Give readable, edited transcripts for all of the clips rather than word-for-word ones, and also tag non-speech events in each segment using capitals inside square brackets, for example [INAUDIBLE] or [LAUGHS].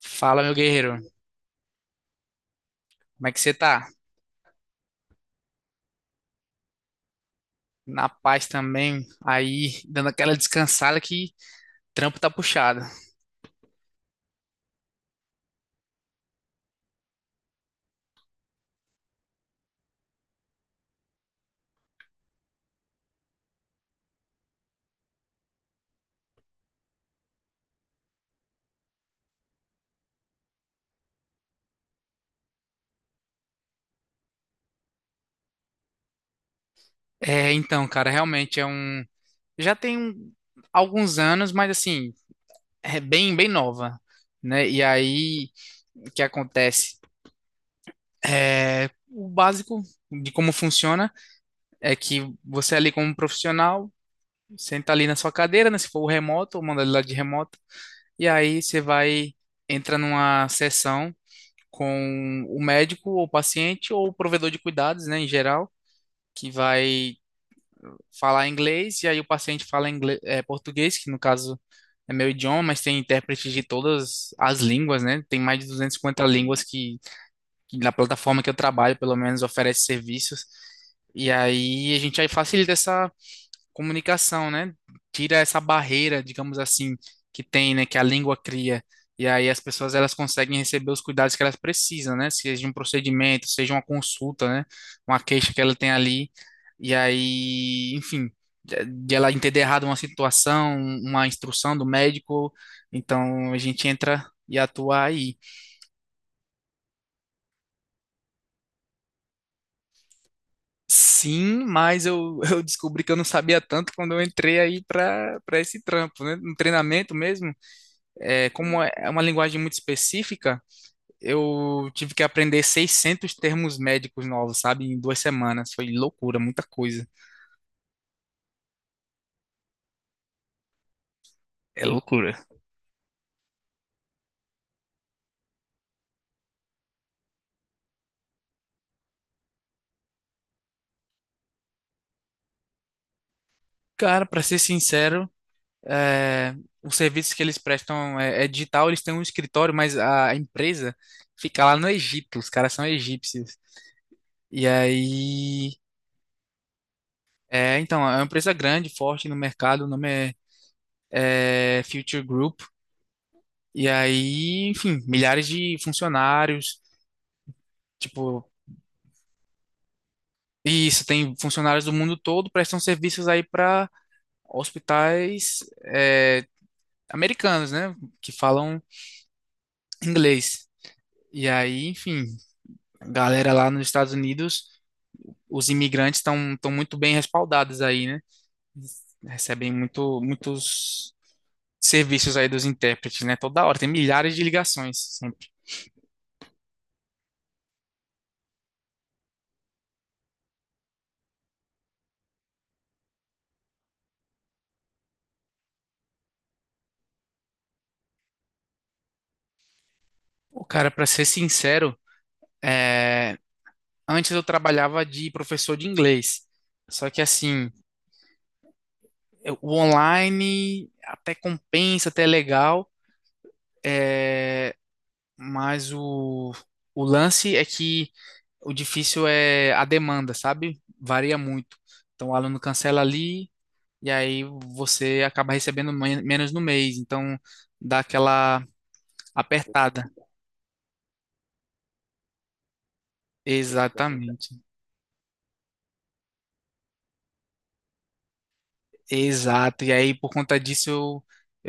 Fala, meu guerreiro. Como é que você tá? Na paz também, aí dando aquela descansada que trampo tá puxado. Então, cara, realmente é um. Já tem alguns anos, mas assim, é bem nova, né? E aí, o que acontece? O básico de como funciona é que você é ali como um profissional, senta ali na sua cadeira, né? Se for o remoto, ou manda ele lá de remoto, e aí você vai, entra numa sessão com o médico ou paciente ou o provedor de cuidados, né, em geral, que vai falar inglês e aí o paciente fala inglês, é, português, que no caso é meu idioma, mas tem intérpretes de todas as línguas, né? Tem mais de 250 línguas que na plataforma que eu trabalho, pelo menos, oferece serviços. E aí a gente aí facilita essa comunicação, né? Tira essa barreira, digamos assim, que tem, né? Que a língua cria. E aí as pessoas elas conseguem receber os cuidados que elas precisam, né? Seja um procedimento, seja uma consulta, né? Uma queixa que ela tem ali. E aí, enfim, de ela entender errado uma situação, uma instrução do médico. Então a gente entra e atua aí. Sim, mas eu, [LAUGHS] eu descobri que eu não sabia tanto quando eu entrei aí para esse trampo, né? No treinamento mesmo. É, como é uma linguagem muito específica, eu tive que aprender 600 termos médicos novos, sabe? Em duas semanas. Foi loucura, muita coisa. É loucura. Cara, para ser sincero, é, os serviços que eles prestam é, é digital, eles têm um escritório, mas a empresa fica lá no Egito. Os caras são egípcios. E aí. É, então, é uma empresa grande, forte no mercado, o nome é, é Future Group. E aí, enfim, milhares de funcionários. Tipo, e isso, tem funcionários do mundo todo, prestam serviços aí para hospitais é, americanos, né? Que falam inglês. E aí, enfim, a galera lá nos Estados Unidos, os imigrantes estão muito bem respaldados aí, né? Recebem muito, muitos serviços aí dos intérpretes, né? Toda hora, tem milhares de ligações sempre. O cara, para ser sincero, é, antes eu trabalhava de professor de inglês. Só que assim, é, o online até compensa, até é legal, mas o lance é que o difícil é a demanda, sabe? Varia muito. Então o aluno cancela ali e aí você acaba recebendo menos no mês. Então dá aquela apertada. Exatamente. Exato. E aí por conta disso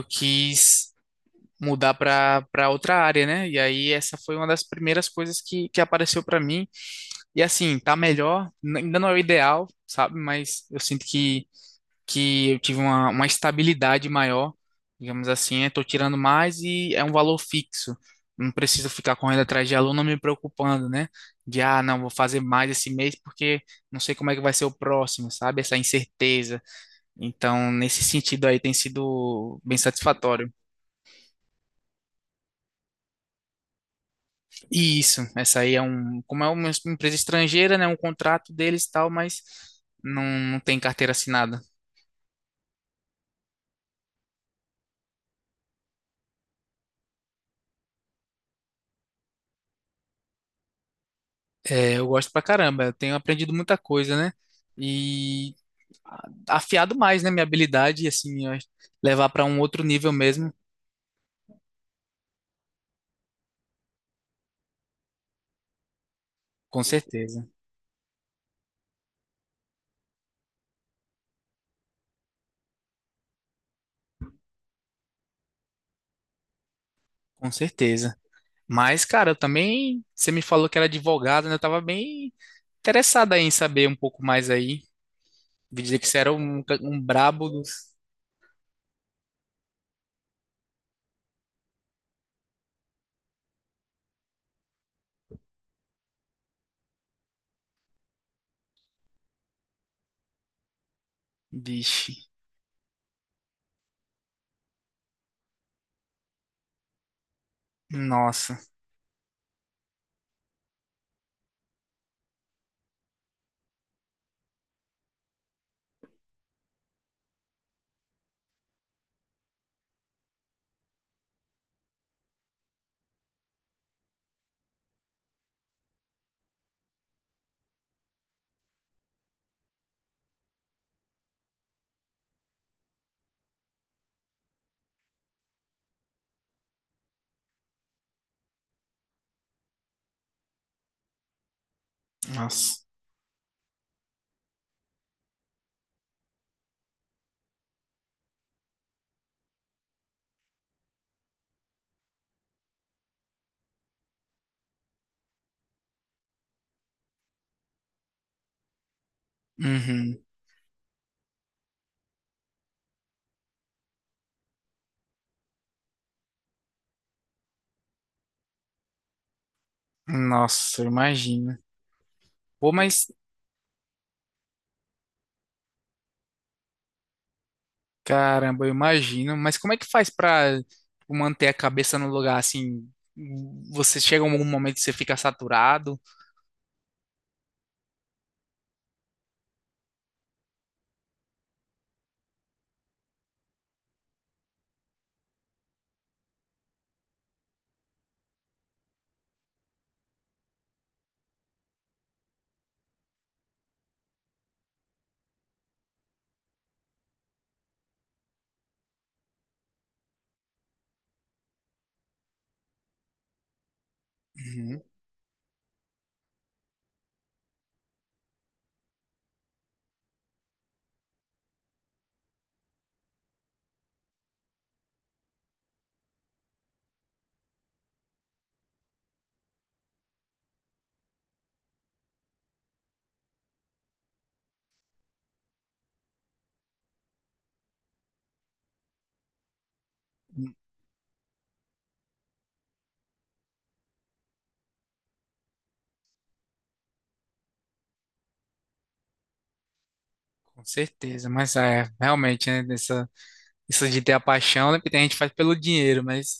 eu quis mudar para outra área, né? E aí essa foi uma das primeiras coisas que apareceu para mim. E assim, tá melhor, ainda não é o ideal, sabe? Mas eu sinto que eu tive uma estabilidade maior, digamos assim, eu tô tirando mais e é um valor fixo. Não preciso ficar correndo atrás de aluno me preocupando, né? De, ah, não, vou fazer mais esse mês porque não sei como é que vai ser o próximo, sabe? Essa incerteza. Então, nesse sentido aí, tem sido bem satisfatório. E isso, essa aí é um, como é uma empresa estrangeira, né? Um contrato deles e tal, mas não, não tem carteira assinada. É, eu gosto pra caramba, eu tenho aprendido muita coisa, né? E a- afiado mais, né, minha habilidade, e assim, levar pra um outro nível mesmo, com certeza, com certeza. Mas, cara, eu também, você me falou que era advogado, né? Eu tava bem interessado aí em saber um pouco mais aí. Vi dizer que você era um, um brabo dos... Vixe, nossa, nossa, uhum, nossa, eu imagino. Pô, mas caramba, eu imagino. Mas como é que faz pra tipo, manter a cabeça no lugar assim? Você chega a algum momento que você fica saturado? Uhum. Com certeza, mas é, realmente, né, nessa, isso de ter a paixão, né, porque tem gente que faz pelo dinheiro, mas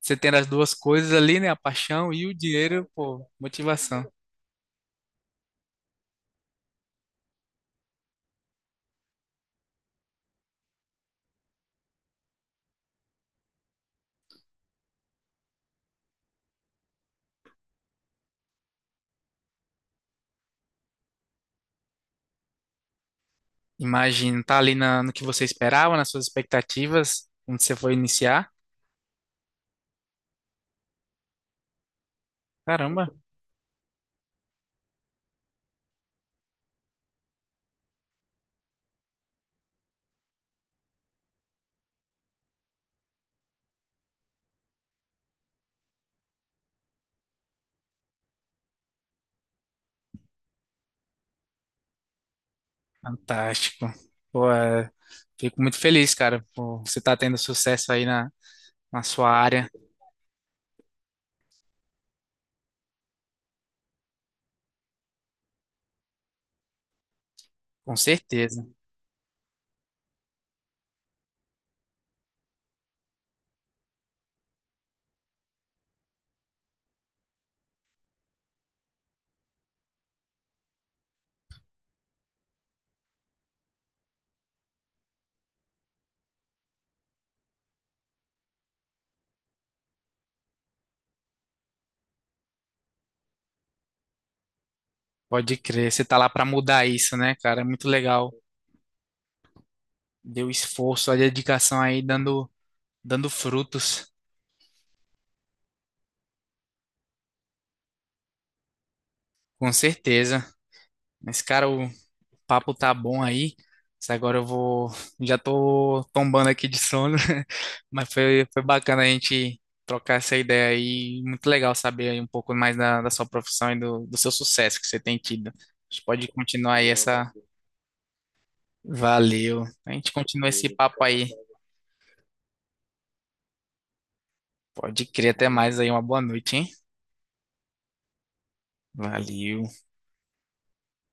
você tendo as duas coisas ali, né, a paixão e o dinheiro, pô, motivação. Imagino, tá ali na, no que você esperava, nas suas expectativas, quando você foi iniciar. Caramba. Fantástico. Pô, é, fico muito feliz, cara, por você estar tendo sucesso aí na, na sua área, com certeza. Pode crer, você tá lá para mudar isso, né, cara? É muito legal. Deu esforço, a dedicação aí dando, dando frutos, com certeza. Mas, cara, o, papo tá bom aí. Mas agora eu vou. Já tô tombando aqui de sono, [LAUGHS] mas foi, foi bacana a gente trocar essa ideia aí. Muito legal saber aí um pouco mais da, da sua profissão e do, do seu sucesso que você tem tido. A gente pode continuar aí essa. Valeu. A gente continua esse papo aí. Pode crer, até mais aí. Uma boa noite, hein? Valeu.